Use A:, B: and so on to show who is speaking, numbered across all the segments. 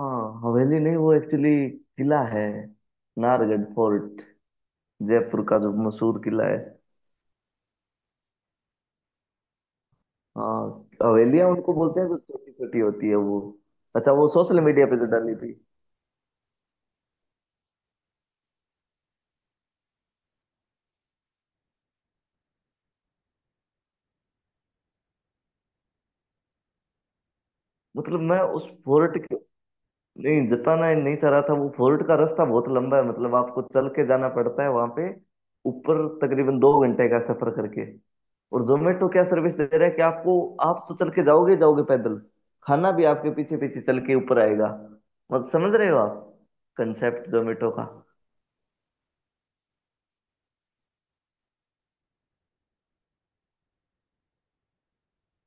A: हाँ, हवेली नहीं वो एक्चुअली किला है। नाहरगढ़ फोर्ट, जयपुर का जो मशहूर किला है। हाँ, हवेलियां उनको बोलते हैं जो छोटी छोटी होती है वो। अच्छा, वो सोशल मीडिया पे जो डाली थी। मतलब मैं उस फोर्ट के, नहीं जताना ही नहीं चाह रहा था। वो फोर्ट का रास्ता बहुत लंबा है, मतलब आपको चल के जाना पड़ता है वहां पे ऊपर, तकरीबन 2 घंटे का सफर करके। और जोमेटो क्या सर्विस दे रहा है कि आपको, आप तो चल के जाओगे जाओगे पैदल, खाना भी आपके पीछे पीछे चल के ऊपर आएगा। मतलब समझ रहे हो आप कंसेप्ट जोमेटो का।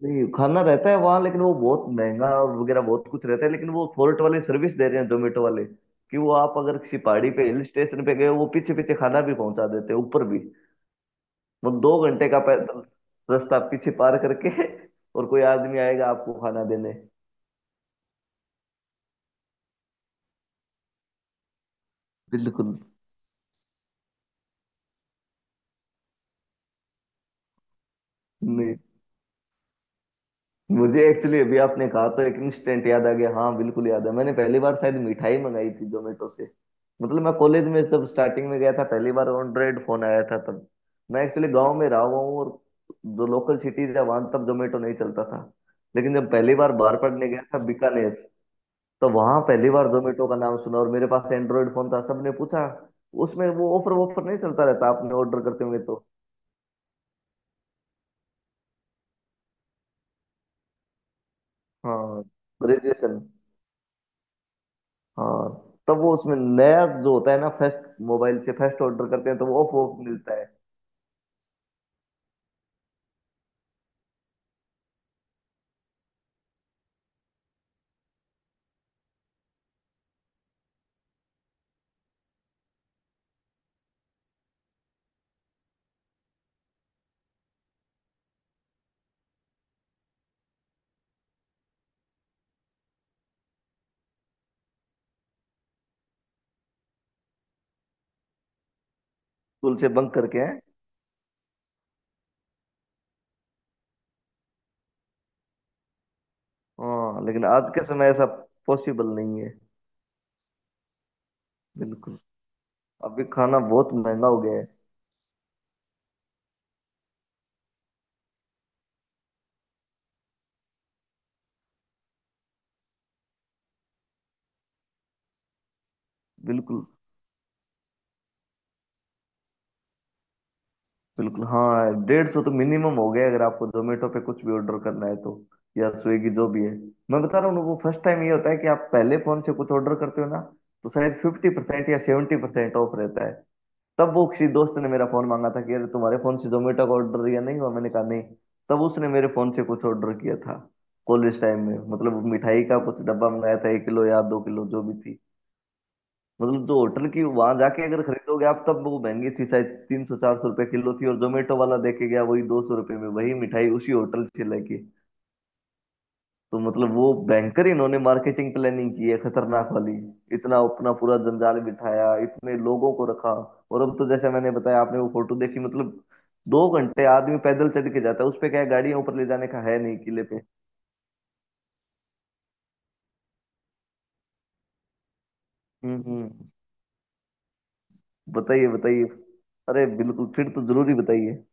A: नहीं, खाना रहता है वहाँ लेकिन वो बहुत महंगा और वगैरह बहुत कुछ रहता है, लेकिन वो फोर्ट वाले सर्विस दे रहे हैं जोमेटो वाले कि वो आप अगर किसी पहाड़ी पे हिल स्टेशन पे गए वो पीछे पीछे खाना भी पहुंचा देते हैं ऊपर भी। मतलब 2 घंटे का पैदल रास्ता पीछे पार करके और कोई आदमी आएगा आपको खाना देने। बिल्कुल। नहीं, मुझे एक्चुअली अभी आपने कहा तो एक इंस्टेंट याद आ गया, हाँ बिल्कुल याद है, मैंने पहली बार शायद मिठाई मंगाई थी जोमेटो से। मतलब मैं कॉलेज में जब स्टार्टिंग में गया था, पहली बार एंड्रॉइड फोन आया था तब। मैं एक्चुअली गांव में रहा हुआ हूँ, और जो लोकल सिटीज है वहां तब जोमेटो नहीं चलता था। लेकिन जब पहली बार बाहर पढ़ने गया था बीकानेर, तो वहां पहली बार जोमेटो का नाम सुना और मेरे पास एंड्रॉइड फोन था, सबने पूछा। उसमें वो ऑफर वॉफर नहीं चलता रहता आपने ऑर्डर करते होंगे तो। हाँ। ग्रेजुएशन। हाँ। तब वो उसमें नया जो होता है ना, फर्स्ट मोबाइल से फर्स्ट ऑर्डर करते हैं तो वो ऑफ ऑफ मिलता है। स्कूल से बंक करके हैं। हाँ, लेकिन आज के समय ऐसा पॉसिबल नहीं है। बिल्कुल। अभी खाना बहुत महंगा हो गया है। बिल्कुल। बिल्कुल हाँ, 150 तो मिनिमम हो गया है अगर आपको जोमेटो पे कुछ भी ऑर्डर करना है तो। या स्विगी, जो भी है। मैं बता रहा हूँ ना, वो फर्स्ट टाइम ये होता है कि आप पहले फोन से कुछ ऑर्डर करते हो ना, तो शायद 50% या 70% ऑफ रहता है। तब वो किसी दोस्त ने मेरा फोन मांगा था कि अरे तुम्हारे फोन से जोमेटो का ऑर्डर दिया नहीं हुआ, मैंने कहा नहीं। तब उसने मेरे फोन से कुछ ऑर्डर किया था कॉलेज टाइम में, मतलब मिठाई का कुछ डब्बा मंगाया था, 1 किलो या 2 किलो जो भी थी। मतलब जो होटल की वहां जाके अगर खरीदोगे आप तब वो महंगी थी शायद 300-400 रुपए किलो थी, और जोमेटो वाला देके गया वही 200 रुपए में वही मिठाई उसी होटल से लेके। तो मतलब वो भयंकर इन्होंने मार्केटिंग प्लानिंग की है खतरनाक वाली। इतना अपना पूरा जंजाल बिठाया, इतने लोगों को रखा। और अब तो जैसे मैंने बताया, आपने वो फोटो देखी, मतलब 2 घंटे आदमी पैदल चढ़ के जाता है उस पे, क्या है, गाड़ियां ऊपर ले जाने का है नहीं किले पे। हम्म। बताइए बताइए। अरे बिल्कुल, फिर तो जरूरी बताइए।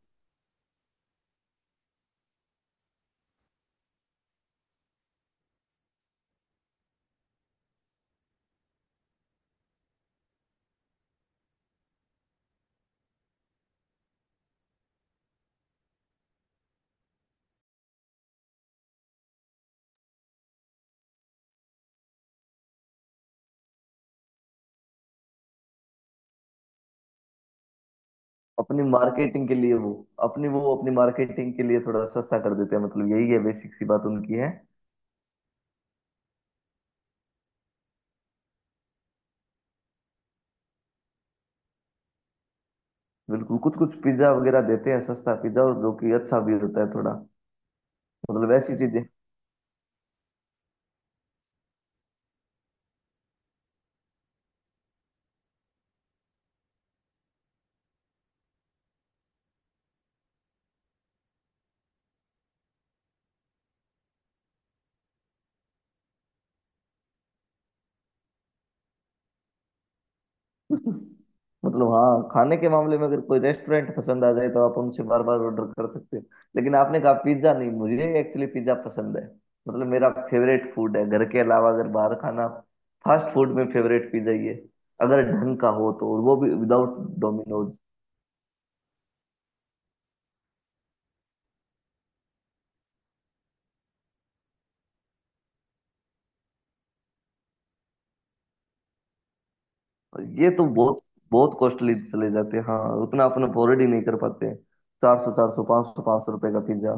A: अपनी मार्केटिंग के लिए वो, अपनी मार्केटिंग के लिए थोड़ा सस्ता कर देते हैं, मतलब यही है बेसिक सी बात उनकी है। बिल्कुल। कुछ कुछ पिज्जा वगैरह देते हैं सस्ता पिज्जा, और जो कि अच्छा भी होता है थोड़ा। मतलब ऐसी चीजें। मतलब हाँ, खाने के मामले में अगर कोई रेस्टोरेंट पसंद आ जाए तो आप उनसे बार बार ऑर्डर कर सकते हो। लेकिन आपने कहा पिज्जा नहीं, मुझे एक्चुअली पिज्जा पसंद है। मतलब मेरा फेवरेट फूड है, घर के अलावा अगर बाहर खाना, फास्ट फूड में फेवरेट पिज्जा ही है, अगर ढंग का हो तो, और वो भी विदाउट डोमिनोज। ये तो बहुत बहुत कॉस्टली चले जाते हैं, हाँ, उतना अपन अफोर्ड ही नहीं कर पाते, चार सौ पाँच सौ पाँच सौ रुपए का पिज्जा।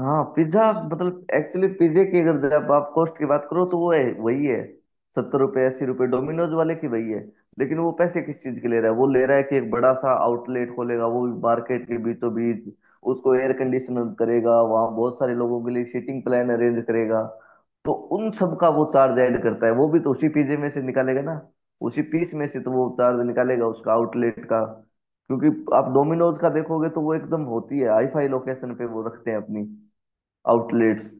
A: हाँ पिज्जा, मतलब एक्चुअली पिज्जे की अगर जब आप कॉस्ट की बात करो तो वो है वही है, 70-80 रुपये, डोमिनोज वाले की वही है। लेकिन वो पैसे किस चीज के ले रहा है, वो ले रहा है कि एक बड़ा सा आउटलेट खोलेगा वो भी मार्केट के बीचों बीच, उसको एयर कंडीशनर करेगा, वहाँ बहुत सारे लोगों के लिए सीटिंग प्लान अरेंज करेगा। तो उन सब का वो चार्ज ऐड करता है, वो भी तो उसी पिज्जे में से निकालेगा ना, उसी पीस में से तो वो चार्ज निकालेगा उसका आउटलेट का। क्योंकि आप डोमिनोज का देखोगे तो वो एकदम होती है हाई फाई लोकेशन पे वो रखते हैं अपनी आउटलेट्स।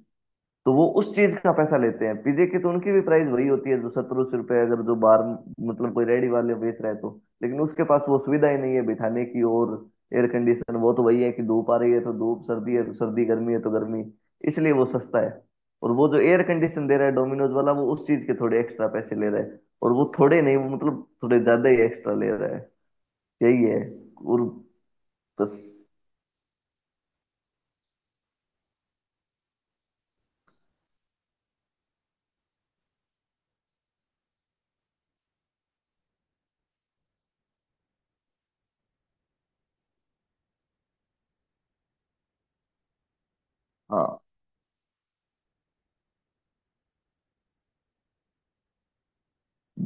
A: तो वो उस चीज का पैसा लेते हैं, पीजे की तो उनकी भी प्राइस वही होती है जो 1700 रुपए, अगर जो बाहर मतलब कोई रेडी वाले बेच रहा है तो। लेकिन उसके पास वो सुविधा ही नहीं है बिठाने की, और एयर कंडीशन वो तो वही है कि धूप आ रही है तो धूप, सर्दी है तो सर्दी, गर्मी है तो गर्मी। इसलिए वो सस्ता है। और वो जो एयर कंडीशन दे रहा है डोमिनोज वाला वो उस चीज के थोड़े एक्स्ट्रा पैसे ले रहा है, और वो थोड़े नहीं, वो मतलब थोड़े ज्यादा ही एक्स्ट्रा ले रहा है। यही है। और बस। हाँ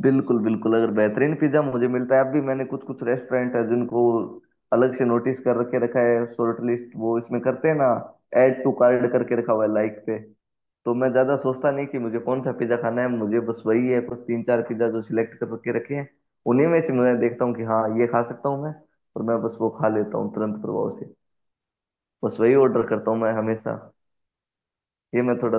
A: बिल्कुल बिल्कुल, अगर बेहतरीन पिज्जा मुझे मिलता है, अब भी मैंने कुछ कुछ रेस्टोरेंट है जिनको अलग से नोटिस कर रखे रखा है, शॉर्ट लिस्ट वो इसमें करते हैं ना, ऐड टू कार्ड करके रखा हुआ है लाइक पे। तो मैं ज्यादा सोचता नहीं कि मुझे कौन सा पिज्जा खाना है, मुझे बस वही है, कुछ तीन चार पिज्जा जो सिलेक्ट कर रखे रखे हैं, उन्हीं में से मैं देखता हूँ कि हाँ ये खा सकता हूँ मैं, और मैं बस वो खा लेता हूँ तुरंत प्रभाव से, बस वही ऑर्डर करता हूँ मैं हमेशा। ये मैं थोड़ा।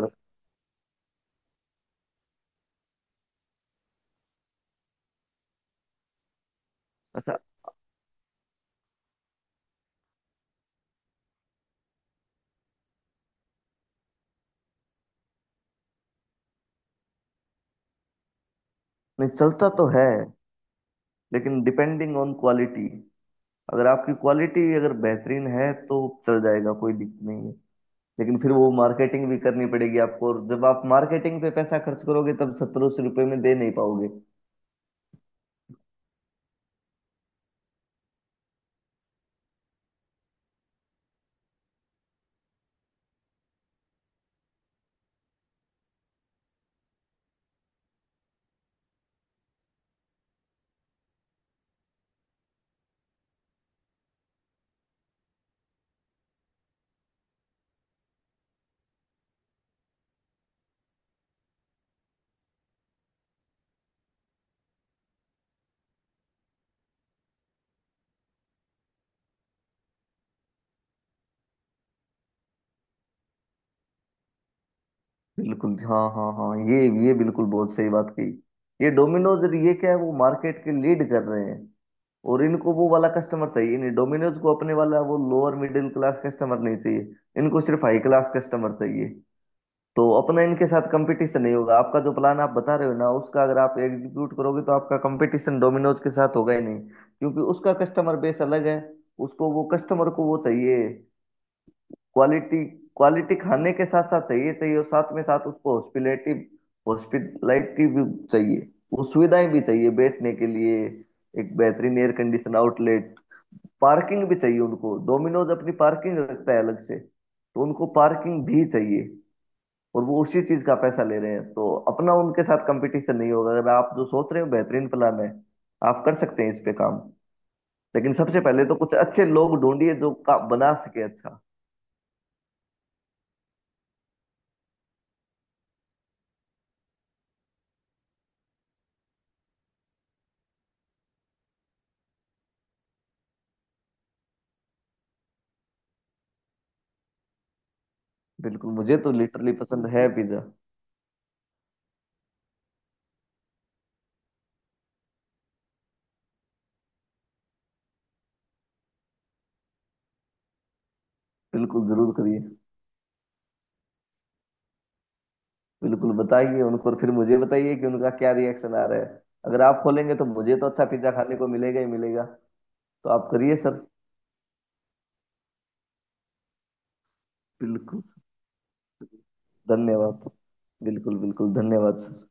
A: अच्छा। नहीं चलता तो है, लेकिन डिपेंडिंग ऑन क्वालिटी, अगर आपकी क्वालिटी अगर बेहतरीन है तो चल जाएगा, कोई दिक्कत नहीं है। लेकिन फिर वो मार्केटिंग भी करनी पड़ेगी आपको, और जब आप मार्केटिंग पे पैसा खर्च करोगे तब 70-80 रुपए में दे नहीं पाओगे। बिल्कुल, हाँ हाँ हाँ, ये बिल्कुल बहुत सही बात कही। ये डोमिनोज, ये क्या है, वो मार्केट के लीड कर रहे हैं। और इनको वो वाला कस्टमर चाहिए नहीं, डोमिनोज को अपने वाला वो लोअर मिडिल क्लास कस्टमर नहीं चाहिए, इनको सिर्फ हाई क्लास कस्टमर चाहिए। तो अपना इनके साथ कंपटीशन नहीं होगा, आपका जो प्लान आप बता रहे हो ना उसका अगर आप एग्जीक्यूट करोगे तो आपका कंपटीशन डोमिनोज के साथ होगा ही नहीं, क्योंकि उसका कस्टमर बेस अलग है। उसको वो कस्टमर को वो चाहिए क्वालिटी, क्वालिटी खाने के साथ साथ चाहिए चाहिए, और साथ में साथ उसको हॉस्पिटलिटी, हॉस्पिटलिटी भी चाहिए। वो सुविधाएं भी चाहिए बैठने के लिए, एक बेहतरीन एयर कंडीशन आउटलेट। पार्किंग भी चाहिए उनको, डोमिनोज अपनी पार्किंग रखता है अलग से, तो उनको पार्किंग भी चाहिए, और वो उसी चीज का पैसा ले रहे हैं। तो अपना उनके साथ कंपटीशन नहीं होगा, अगर आप जो सोच रहे हो बेहतरीन प्लान है, आप कर सकते हैं इस पे काम। लेकिन सबसे पहले तो कुछ अच्छे लोग ढूंढिए जो का बना सके अच्छा। बिल्कुल, मुझे तो लिटरली पसंद है पिज्जा। बिल्कुल जरूर करिए, बिल्कुल बताइए उनको, और फिर मुझे बताइए कि उनका क्या रिएक्शन आ रहा है। अगर आप खोलेंगे तो मुझे तो अच्छा पिज्जा खाने को मिलेगा ही मिलेगा। तो आप करिए सर। बिल्कुल। धन्यवाद। बिल्कुल बिल्कुल धन्यवाद सर।